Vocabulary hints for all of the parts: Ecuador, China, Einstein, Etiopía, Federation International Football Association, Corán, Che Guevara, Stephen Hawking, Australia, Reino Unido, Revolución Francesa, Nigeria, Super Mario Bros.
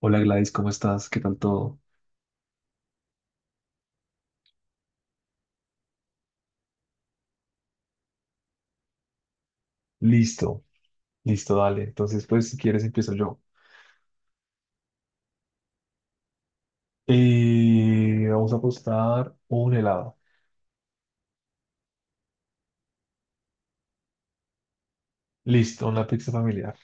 Hola Gladys, ¿cómo estás? ¿Qué tal todo? Listo, listo, dale. Entonces, pues si quieres empiezo yo. Y vamos a apostar un helado. Listo, una pizza familiar.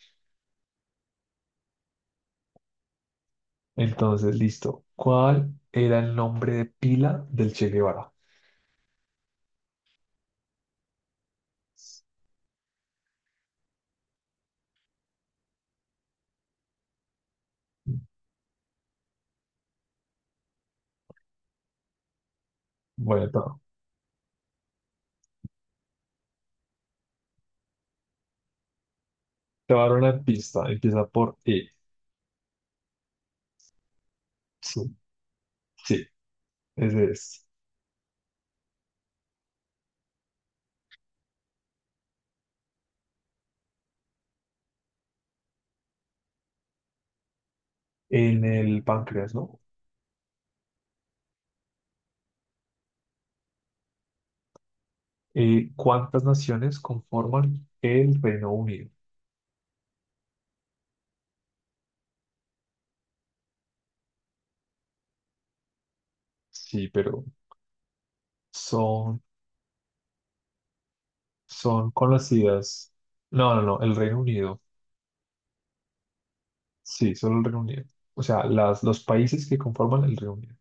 Entonces, listo. ¿Cuál era el nombre de pila del Che Guevara? Bueno, te voy a dar una pista. Empieza por E. Sí, sí, ese es. En el páncreas, ¿no? ¿Cuántas naciones conforman el Reino Unido? Sí, pero son Son conocidas. No, no, no, el Reino Unido. Sí, solo el Reino Unido. O sea, los países que conforman el Reino Unido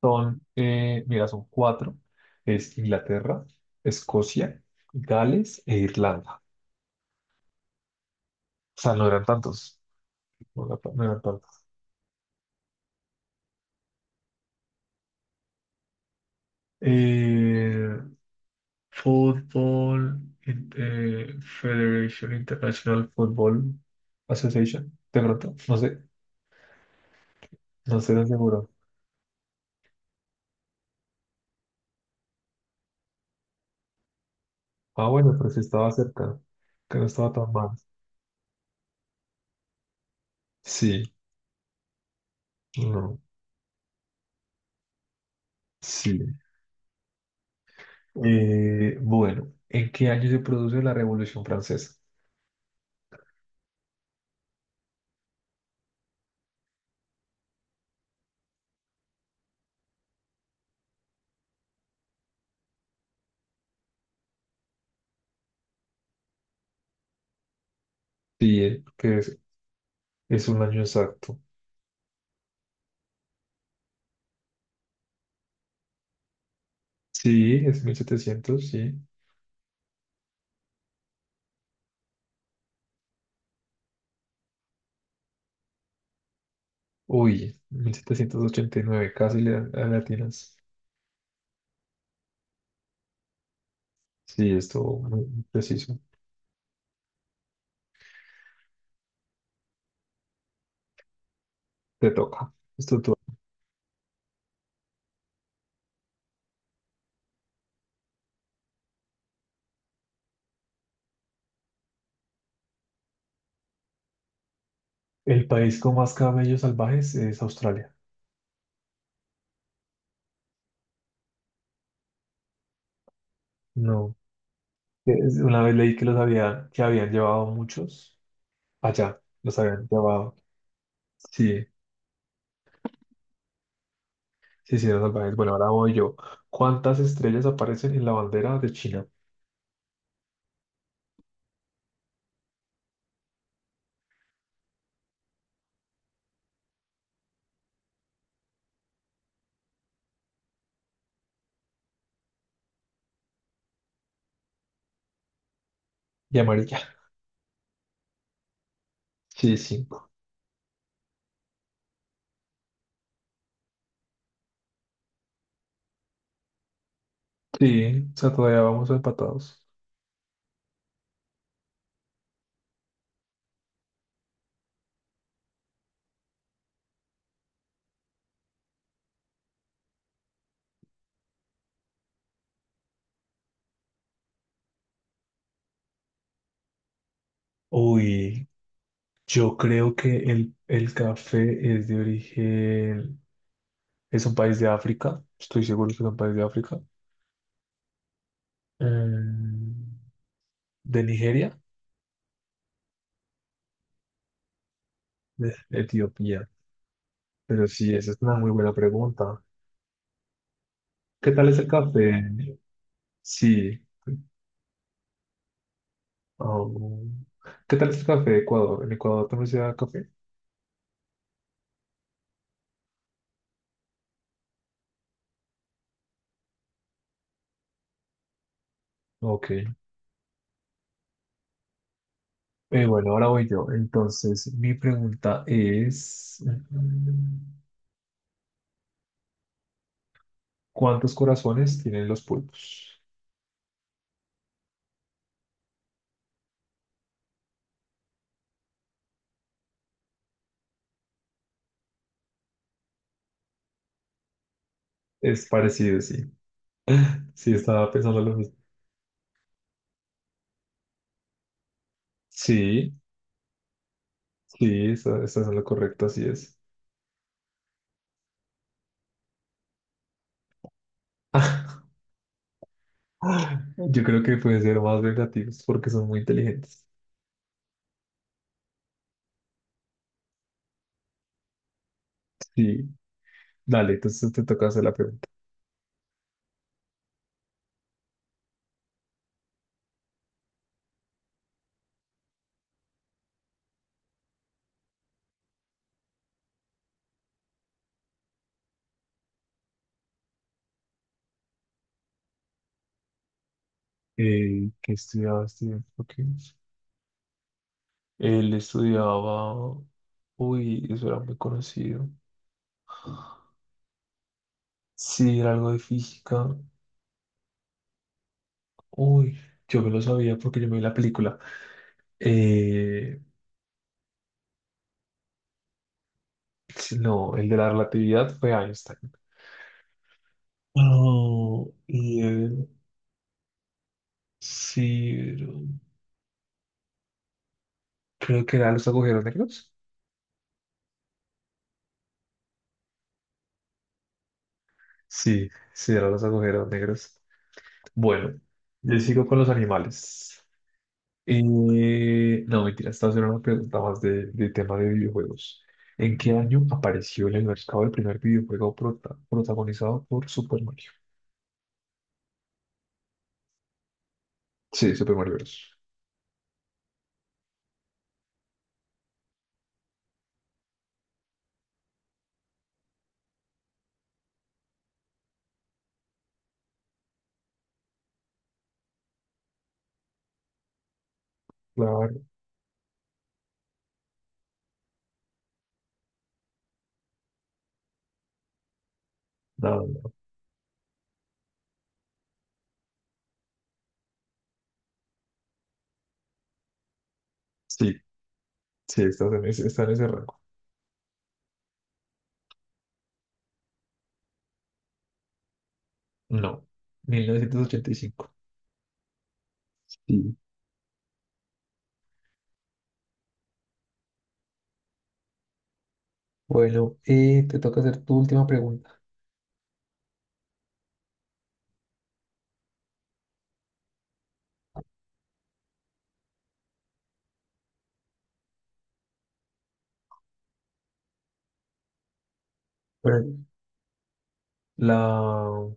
son, mira, son cuatro. Es Inglaterra, Escocia, Gales e Irlanda. O sea, no eran tantos. No eran tantos. Eh, Fútbol, Federation International Football Association. De pronto, no sé, no estoy de seguro. Ah, bueno, pero sí estaba cerca, que no estaba tan mal. Sí, no, sí. Bueno, ¿en qué año se produce la Revolución Francesa? Sí, que es un año exacto. Sí, es 1700, sí. Uy, 1789, casi le latinas. Sí, esto muy preciso. Te toca. Esto tú. El país con más camellos salvajes es Australia. No. Una vez leí que que habían llevado muchos allá. Los habían llevado. Sí. Sí, sí, las salvajes. Bueno, ahora voy yo. ¿Cuántas estrellas aparecen en la bandera de China? Y amarilla. Sí, cinco. Sí, o sea, todavía vamos empatados. Uy, yo creo que el café es de origen, es un país de África. Estoy seguro que es un país de África. Mm, ¿De Nigeria? De Etiopía. Pero sí, esa es una muy buena pregunta. ¿Qué tal es el café? Sí. Oh. ¿Qué tal es el café de Ecuador? ¿En Ecuador también se da café? Ok. Bueno, ahora voy yo. Entonces, mi pregunta es, ¿cuántos corazones tienen los pulpos? Es parecido, sí. Sí, estaba pensando lo mismo. Sí, sí, estás es lo correcto, así es. Yo creo que pueden ser más vengativos porque son muy inteligentes. Sí, dale, entonces te toca hacer la pregunta. ¿Qué estudiaba Stephen Hawking? Él estudiaba... Uy, eso era muy conocido. Sí, era algo de física. Uy, yo me lo sabía porque yo me vi la película. Eh, sí, no, el de la relatividad fue Einstein. Oh, y Ciro- Creo que era los agujeros negros. Sí, sí, eran los agujeros negros. Bueno, yo sigo con los animales. No, mentira, esta haciendo una pregunta más de tema de videojuegos. ¿En qué año apareció en el mercado el primer videojuego protagonizado por Super Mario? Sí, Super Mario Bros. Claro, nada. Sí, sí, está en ese rango. No, 1985. Sí. Bueno, te toca hacer tu última pregunta. Bueno, la,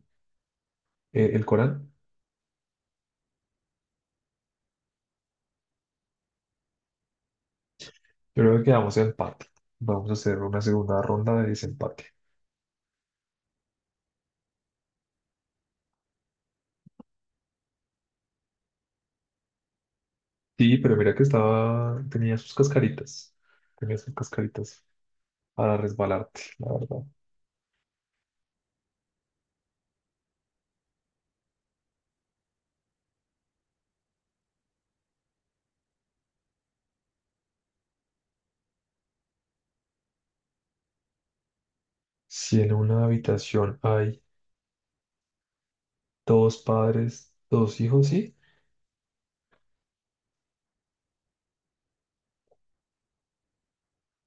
el Corán, yo creo que quedamos en empate. Vamos a hacer una segunda ronda de desempate. Sí, pero mira que estaba, tenía sus cascaritas. Tenía sus cascaritas para resbalarte, la verdad. Si en una habitación hay dos padres, dos hijos, ¿sí?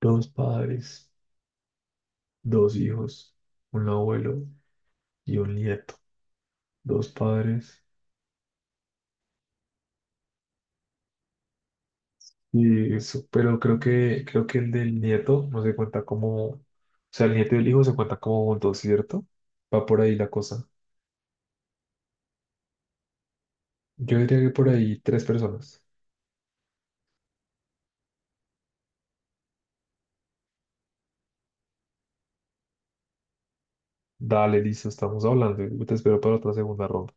Dos padres, dos hijos, un abuelo y un nieto. Dos padres. Y eso, pero creo que el del nieto no se cuenta como, o sea, el nieto y el hijo se cuentan como juntos, ¿cierto? Va por ahí la cosa. Yo diría que por ahí tres personas. Dale, listo, estamos hablando. Yo te espero para otra segunda ronda.